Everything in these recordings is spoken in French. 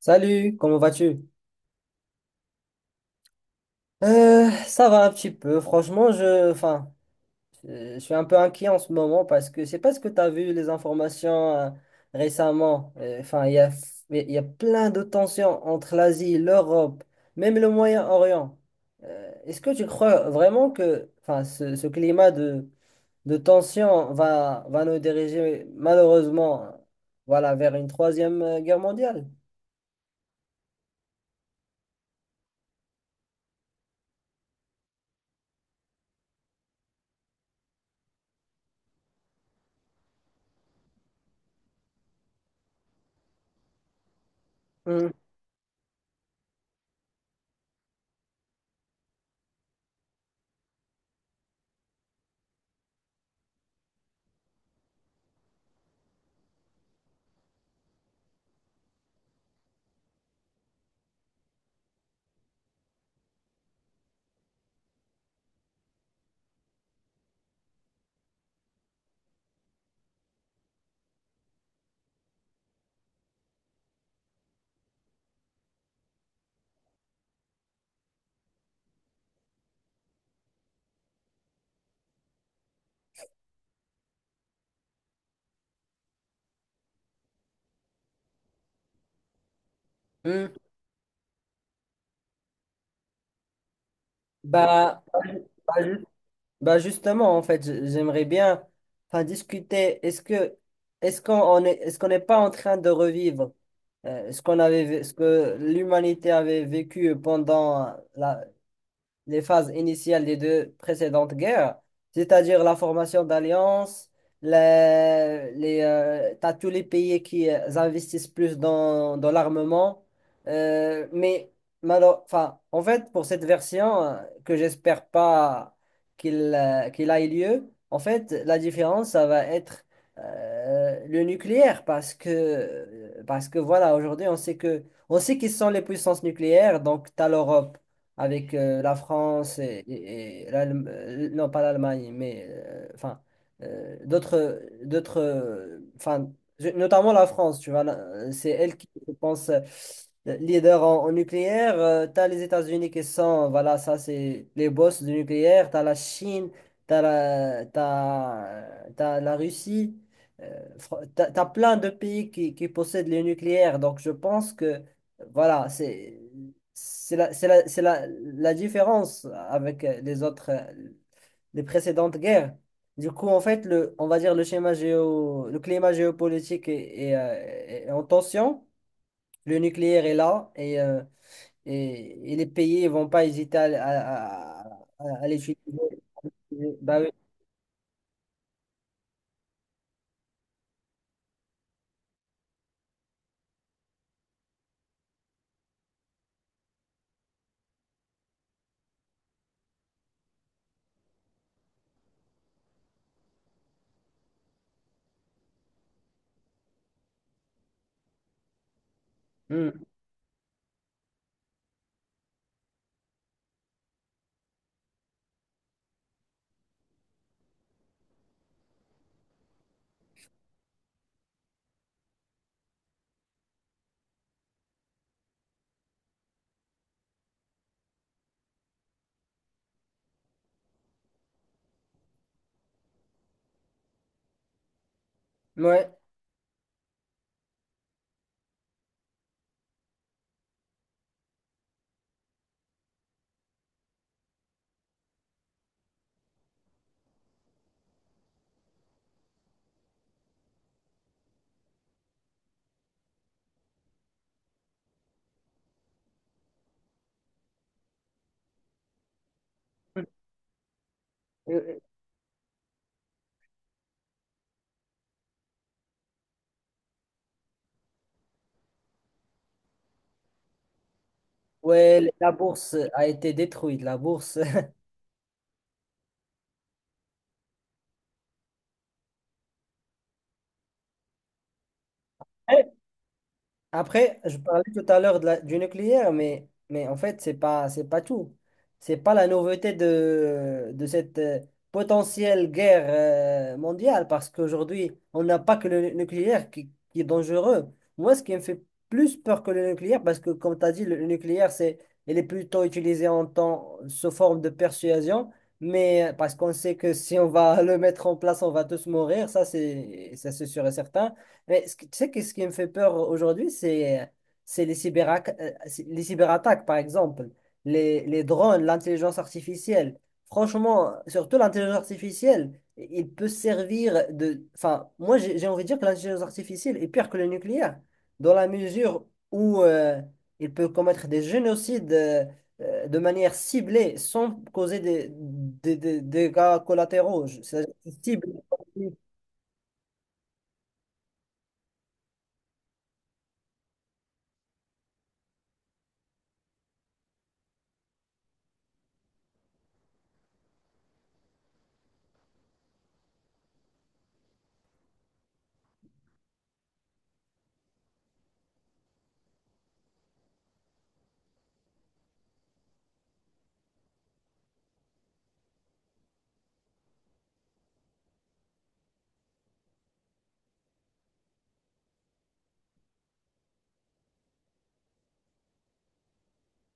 Salut, comment vas-tu? Ça va un petit peu. Franchement, je suis un peu inquiet en ce moment parce que je sais pas ce que tu as vu les informations récemment. Enfin, il y a plein de tensions entre l'Asie, l'Europe, même le Moyen-Orient. Est-ce que tu crois vraiment que, enfin, ce climat de tension va nous diriger malheureusement, voilà, vers une troisième guerre mondiale? Hmm. Hmm. Bah, bah, Bah justement, en fait, j'aimerais bien enfin, discuter. Est-ce que est-ce qu'on on est est-ce qu'on n'est pas en train de revivre ce ce que l'humanité avait vécu pendant les phases initiales des deux précédentes guerres, c'est-à-dire la formation d'alliances, t'as tous les pays qui investissent plus dans l'armement. Mais enfin, en fait, pour cette version, que j'espère pas qu'il qu'il aille lieu, en fait, la différence, ça va être le nucléaire, parce que voilà, aujourd'hui, on sait qui sont les puissances nucléaires, donc tu as l'Europe avec la France et non pas l'Allemagne, mais enfin d'autres enfin notamment la France, tu vois, c'est elle qui je pense leader en nucléaire. T'as les États-Unis qui sont voilà, ça c'est les boss du nucléaire. T'as la Chine, t'as la Russie. T'as plein de pays qui possèdent le nucléaire. Donc je pense que voilà, c'est la différence avec les autres, les précédentes guerres. Du coup, en fait, on va dire le schéma géo, le climat géopolitique est en tension. Le nucléaire est là et les pays ne vont pas hésiter à l'utiliser. Bah oui. Hmm. Ouais. Euh, Ouais, la bourse a été détruite. La bourse. Après, je parlais tout à l'heure de du nucléaire, mais en fait, c'est pas tout. C'est pas la nouveauté de cette potentielle guerre mondiale, parce qu'aujourd'hui, on n'a pas que le nucléaire qui est dangereux. Moi, ce qui me fait plus peur que le nucléaire, parce que comme tu as dit, le nucléaire, c'est, il est plutôt utilisé en temps, sous forme de persuasion, mais parce qu'on sait que si on va le mettre en place, on va tous mourir, ça c'est sûr et certain. Mais tu sais que ce qui me fait peur aujourd'hui, c'est les cyberattaques, par exemple, les drones, l'intelligence artificielle. Franchement, surtout l'intelligence artificielle, il peut servir de... Enfin, moi, j'ai envie de dire que l'intelligence artificielle est pire que le nucléaire, dans la mesure où il peut commettre des génocides de manière ciblée, sans causer des dégâts collatéraux. C'est-à-dire qu'il cible.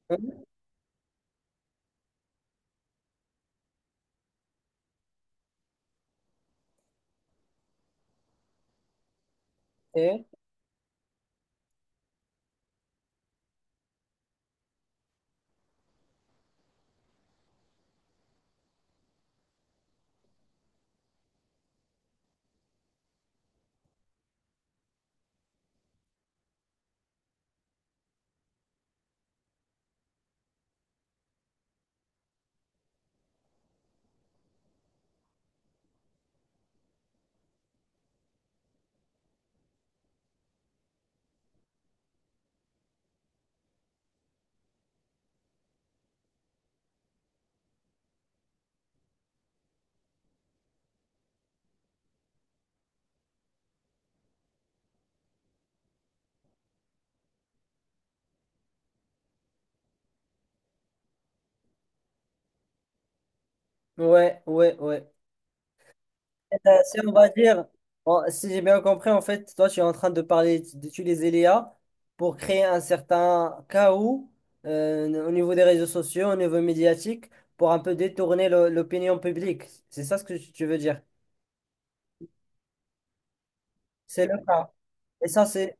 Hein? Et- Ouais, ouais, ouais. Si on va dire, bon, si j'ai bien compris, en fait, toi, tu es en train de parler d'utiliser l'IA pour créer un certain chaos au niveau des réseaux sociaux, au niveau médiatique, pour un peu détourner l'opinion publique. C'est ça ce que tu veux dire. C'est le cas. Et ça, c'est...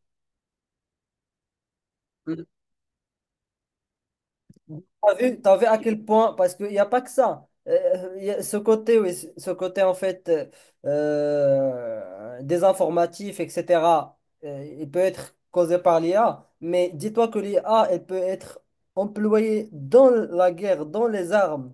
T'as vu à quel point, parce qu'il n'y a pas que ça. Il y a ce côté, oui, ce côté en fait désinformatif, etc., il peut être causé par l'IA, mais dis-toi que l'IA, elle peut être employée dans la guerre, dans les armes.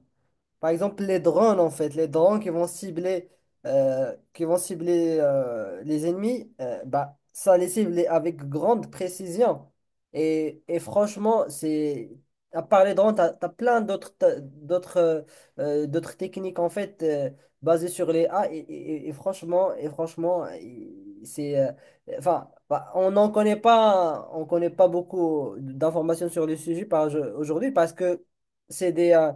Par exemple, les drones, en fait, les drones qui vont cibler, les ennemis, bah, ça les cible avec grande précision. Et franchement, c'est à part les drones, tu as plein d'autres d'autres techniques en fait basées sur les A. Et franchement, c'est enfin, bah, on connaît pas beaucoup d'informations sur le sujet aujourd'hui parce que c'est des euh,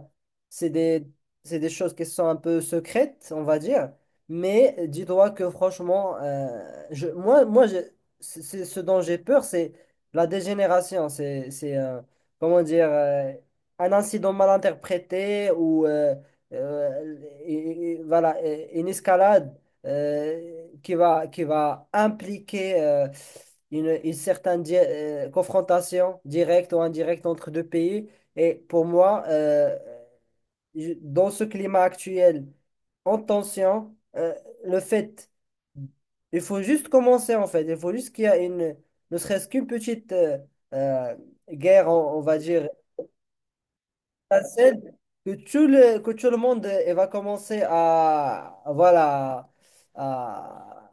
c'est des c'est des choses qui sont un peu secrètes, on va dire. Mais dis-toi que franchement, moi je, ce dont j'ai peur, c'est la dégénération. C'est comment dire, un incident mal interprété ou euh, voilà, une escalade qui va impliquer une certaine confrontation directe ou indirecte entre deux pays. Et pour moi, dans ce climat actuel en tension, le fait, il faut juste commencer en fait, il faut juste qu'il y a ne serait-ce qu'une petite euh, guerre, on va dire, étincelle, que que tout le monde il va commencer à, voilà, à,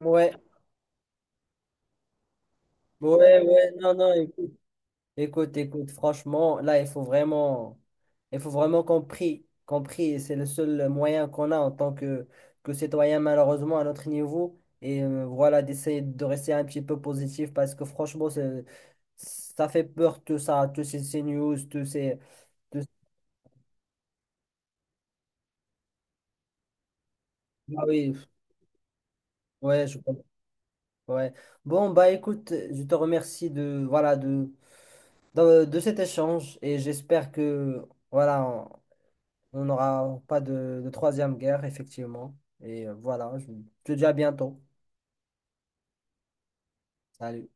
ouais, ouais, ouais, non, non, écoute, écoute, franchement, là, il faut vraiment qu'on prie, c'est le seul moyen qu'on a en tant que citoyen, malheureusement, à notre niveau. Et voilà, d'essayer de rester un petit peu positif parce que franchement, ça fait peur tout ça, ces news, tous ces, tous- Ah oui, ouais, je comprends, ouais. Bon, bah écoute, je te remercie de, voilà, de cet échange et j'espère que, voilà, on n'aura pas de troisième guerre, effectivement. Et voilà, je te dis à bientôt. Salut.